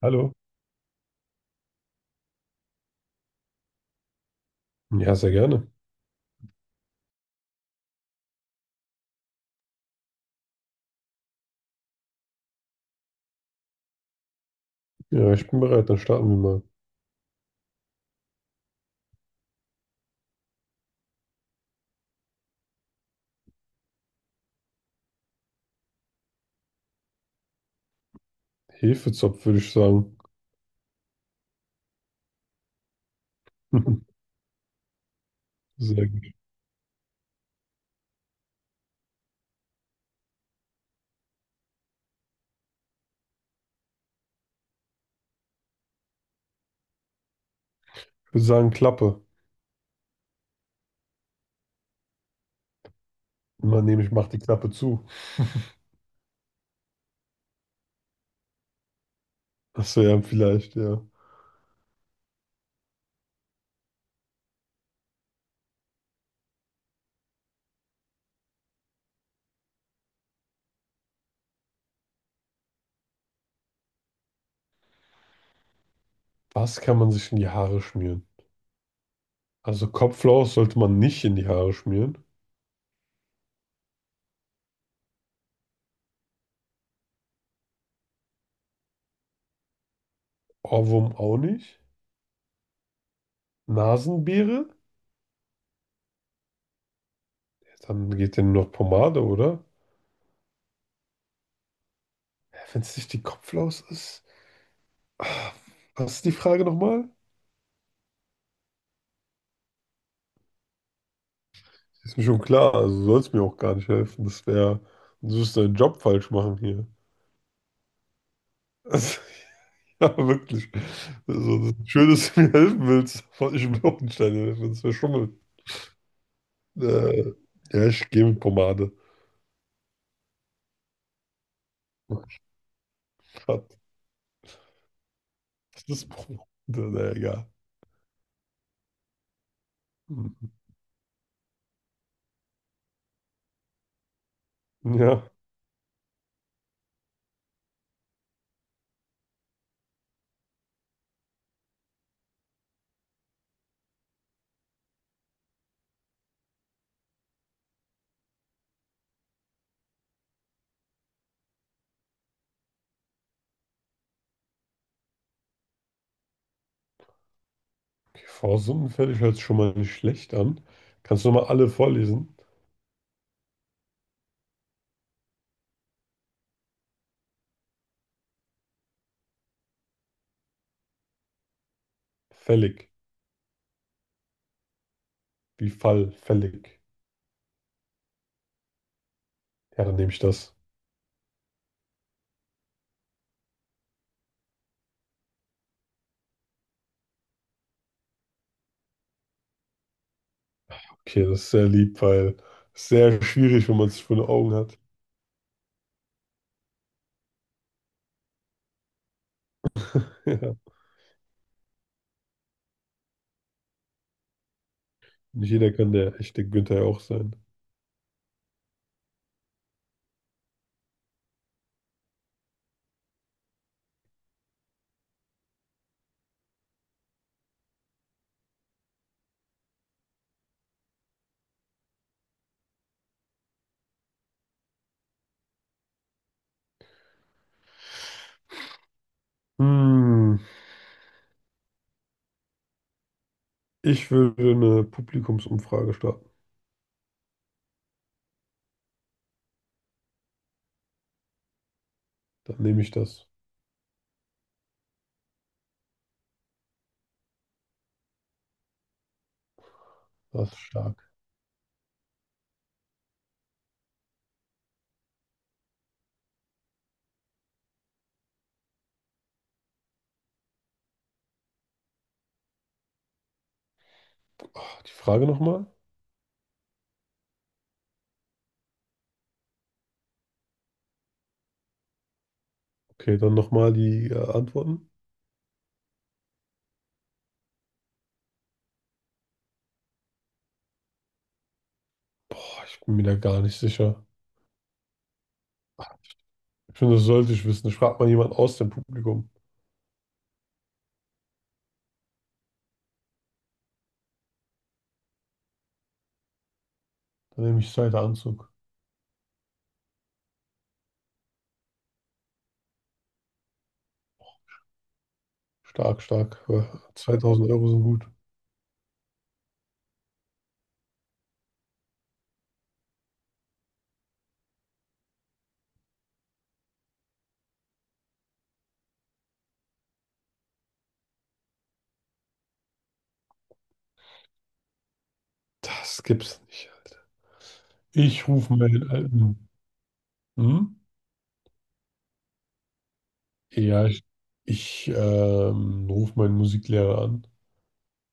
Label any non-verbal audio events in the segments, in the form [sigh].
Hallo. Ja, sehr gerne. Ja, ich bin bereit. Dann starten wir mal. Hefezopf, würde ich sagen. [laughs] Sehr gut. Ich würde sagen Klappe. Man nehme ich, mache die Klappe zu. Das ja, vielleicht, ja. Was kann man sich in die Haare schmieren? Also Kopflaus sollte man nicht in die Haare schmieren. Ohrwurm auch nicht. Nasenbeere? Ja, dann geht denn nur noch Pomade, oder? Wenn es nicht die Kopflaus ist. Ah, Was ist die Frage nochmal? Ist mir schon klar. Also soll es mir auch gar nicht helfen. Das wäre, du wirst deinen Job falsch machen hier. Also, [laughs] ja, wirklich. Also, ist schön, dass du mir helfen willst, aber ich will auch nicht deine Hilfe, das wäre Schummeln. Äh, ja, ich gehe mit Pomade. Oh Gott, das ist Pomade. Na ja, egal. Hm. Ja, okay, v fällig hört sich schon mal nicht schlecht an. Kannst du noch mal alle vorlesen? Fällig. Wie Fall, fällig. Ja, dann nehme ich das. Okay, das ist sehr lieb, weil es ist sehr schwierig, wenn man es vor den Augen hat. [laughs] Ja, nicht jeder kann der echte Günther ja auch sein. Hm. Ich würde eine Publikumsumfrage starten. Dann nehme ich das. Das ist stark. Ah, die Frage nochmal? Okay, dann nochmal die Antworten. Boah, ich bin mir da gar nicht sicher. Ach, ich finde, das sollte ich wissen. Ich frage mal jemanden aus dem Publikum. Dann nehme ich zweiter Anzug. Stark, stark. 2000 € sind gut. Das gibt's nicht, Alter. Ich rufe meinen alten. Hm? Ja, ich rufe meinen Musiklehrer an,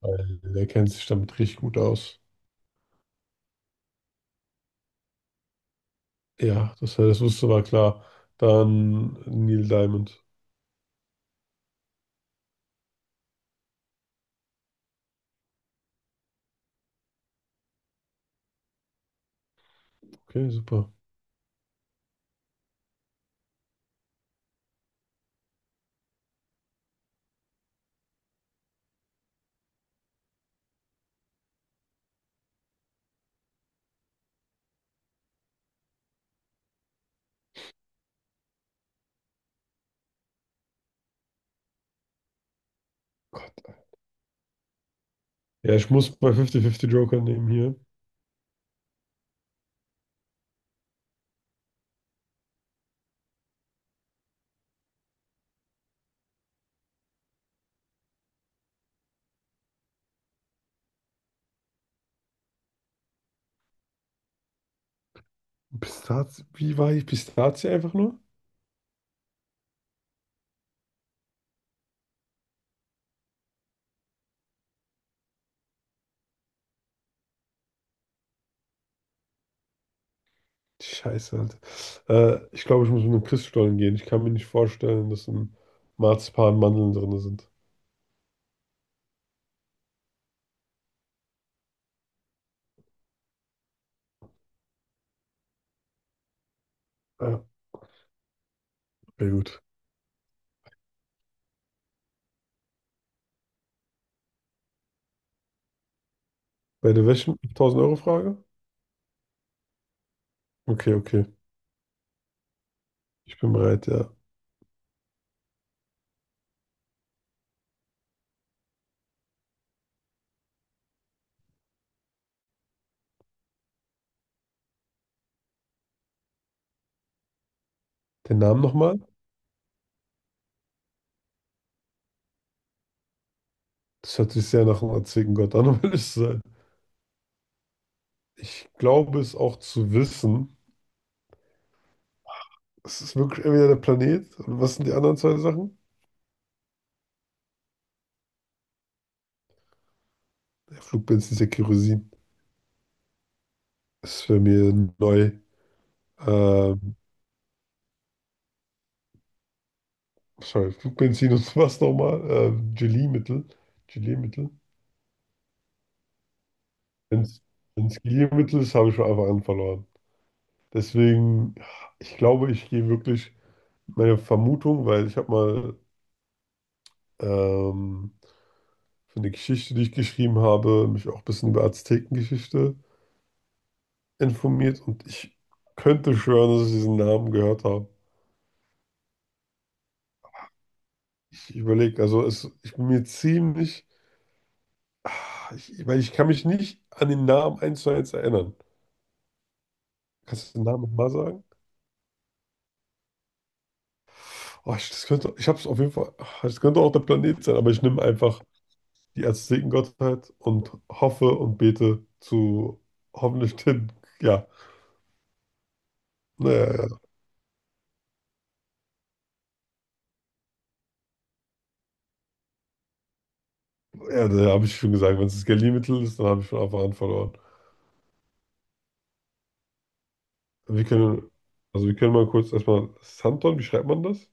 weil der kennt sich damit richtig gut aus. Ja, das wusste war klar. Dann Neil Diamond. Okay, super. Ja, ich muss bei 50-50 Joker nehmen hier. Pistazie, wie war ich? Pistazie einfach nur? Scheiße, Alter. Ich glaube, ich muss mit einem Christstollen gehen. Ich kann mir nicht vorstellen, dass ein Marzipan Mandeln drin sind. Ja, sehr gut. Bei der welchen 1000-Euro-Frage? Okay, okay. Ich bin bereit, ja. Den Namen nochmal? Das hört sich sehr nach einem antiken Gott an, [laughs] um ehrlich zu sein. Ich glaube es auch zu wissen. Es ist wirklich entweder der Planet. Und was sind die anderen zwei Sachen? Ja, Flugbenzin ist ja Kerosin. Das ist für mir neu. Ähm, Sorry, Flugbenzin und [laughs] was nochmal? Geliermittel. Geliermittel. Wenn es Geliermittel ist, habe ich schon einfach an verloren. Deswegen, ich glaube, ich gehe wirklich meine Vermutung, weil ich habe mal ähm, für eine Geschichte, die ich geschrieben habe, mich auch ein bisschen über Aztekengeschichte informiert und ich könnte schwören, dass ich diesen Namen gehört habe. Ich überlege, also es, ich bin mir ziemlich, ah, weil ich kann mich nicht an den Namen eins zu eins erinnern. Kannst du den Namen nochmal sagen? Oh, ich, das könnte, ich habe es auf jeden Fall, ah, das könnte auch der Planet sein, aber ich nehme einfach die Aztekengottheit und hoffe und bete zu hoffentlich den, ja, naja, ja, ja, ja, da habe ich schon gesagt, wenn es das Galliermittel ist, dann habe ich von Anfang an verloren. Wir können, also wir können mal kurz erstmal, Santon, wie schreibt man das?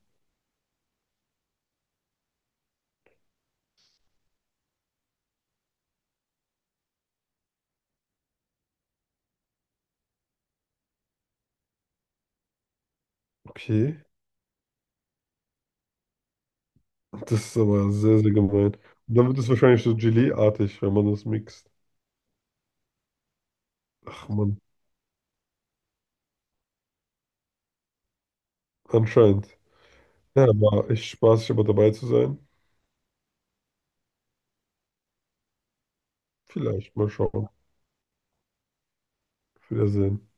Okay. Das ist aber sehr, sehr gemein. Und dann wird es wahrscheinlich so Gelee-artig, wenn man das mixt. Ach man, anscheinend. Ja, war echt spaßig, aber dabei zu sein. Vielleicht mal schauen. Auf Wiedersehen.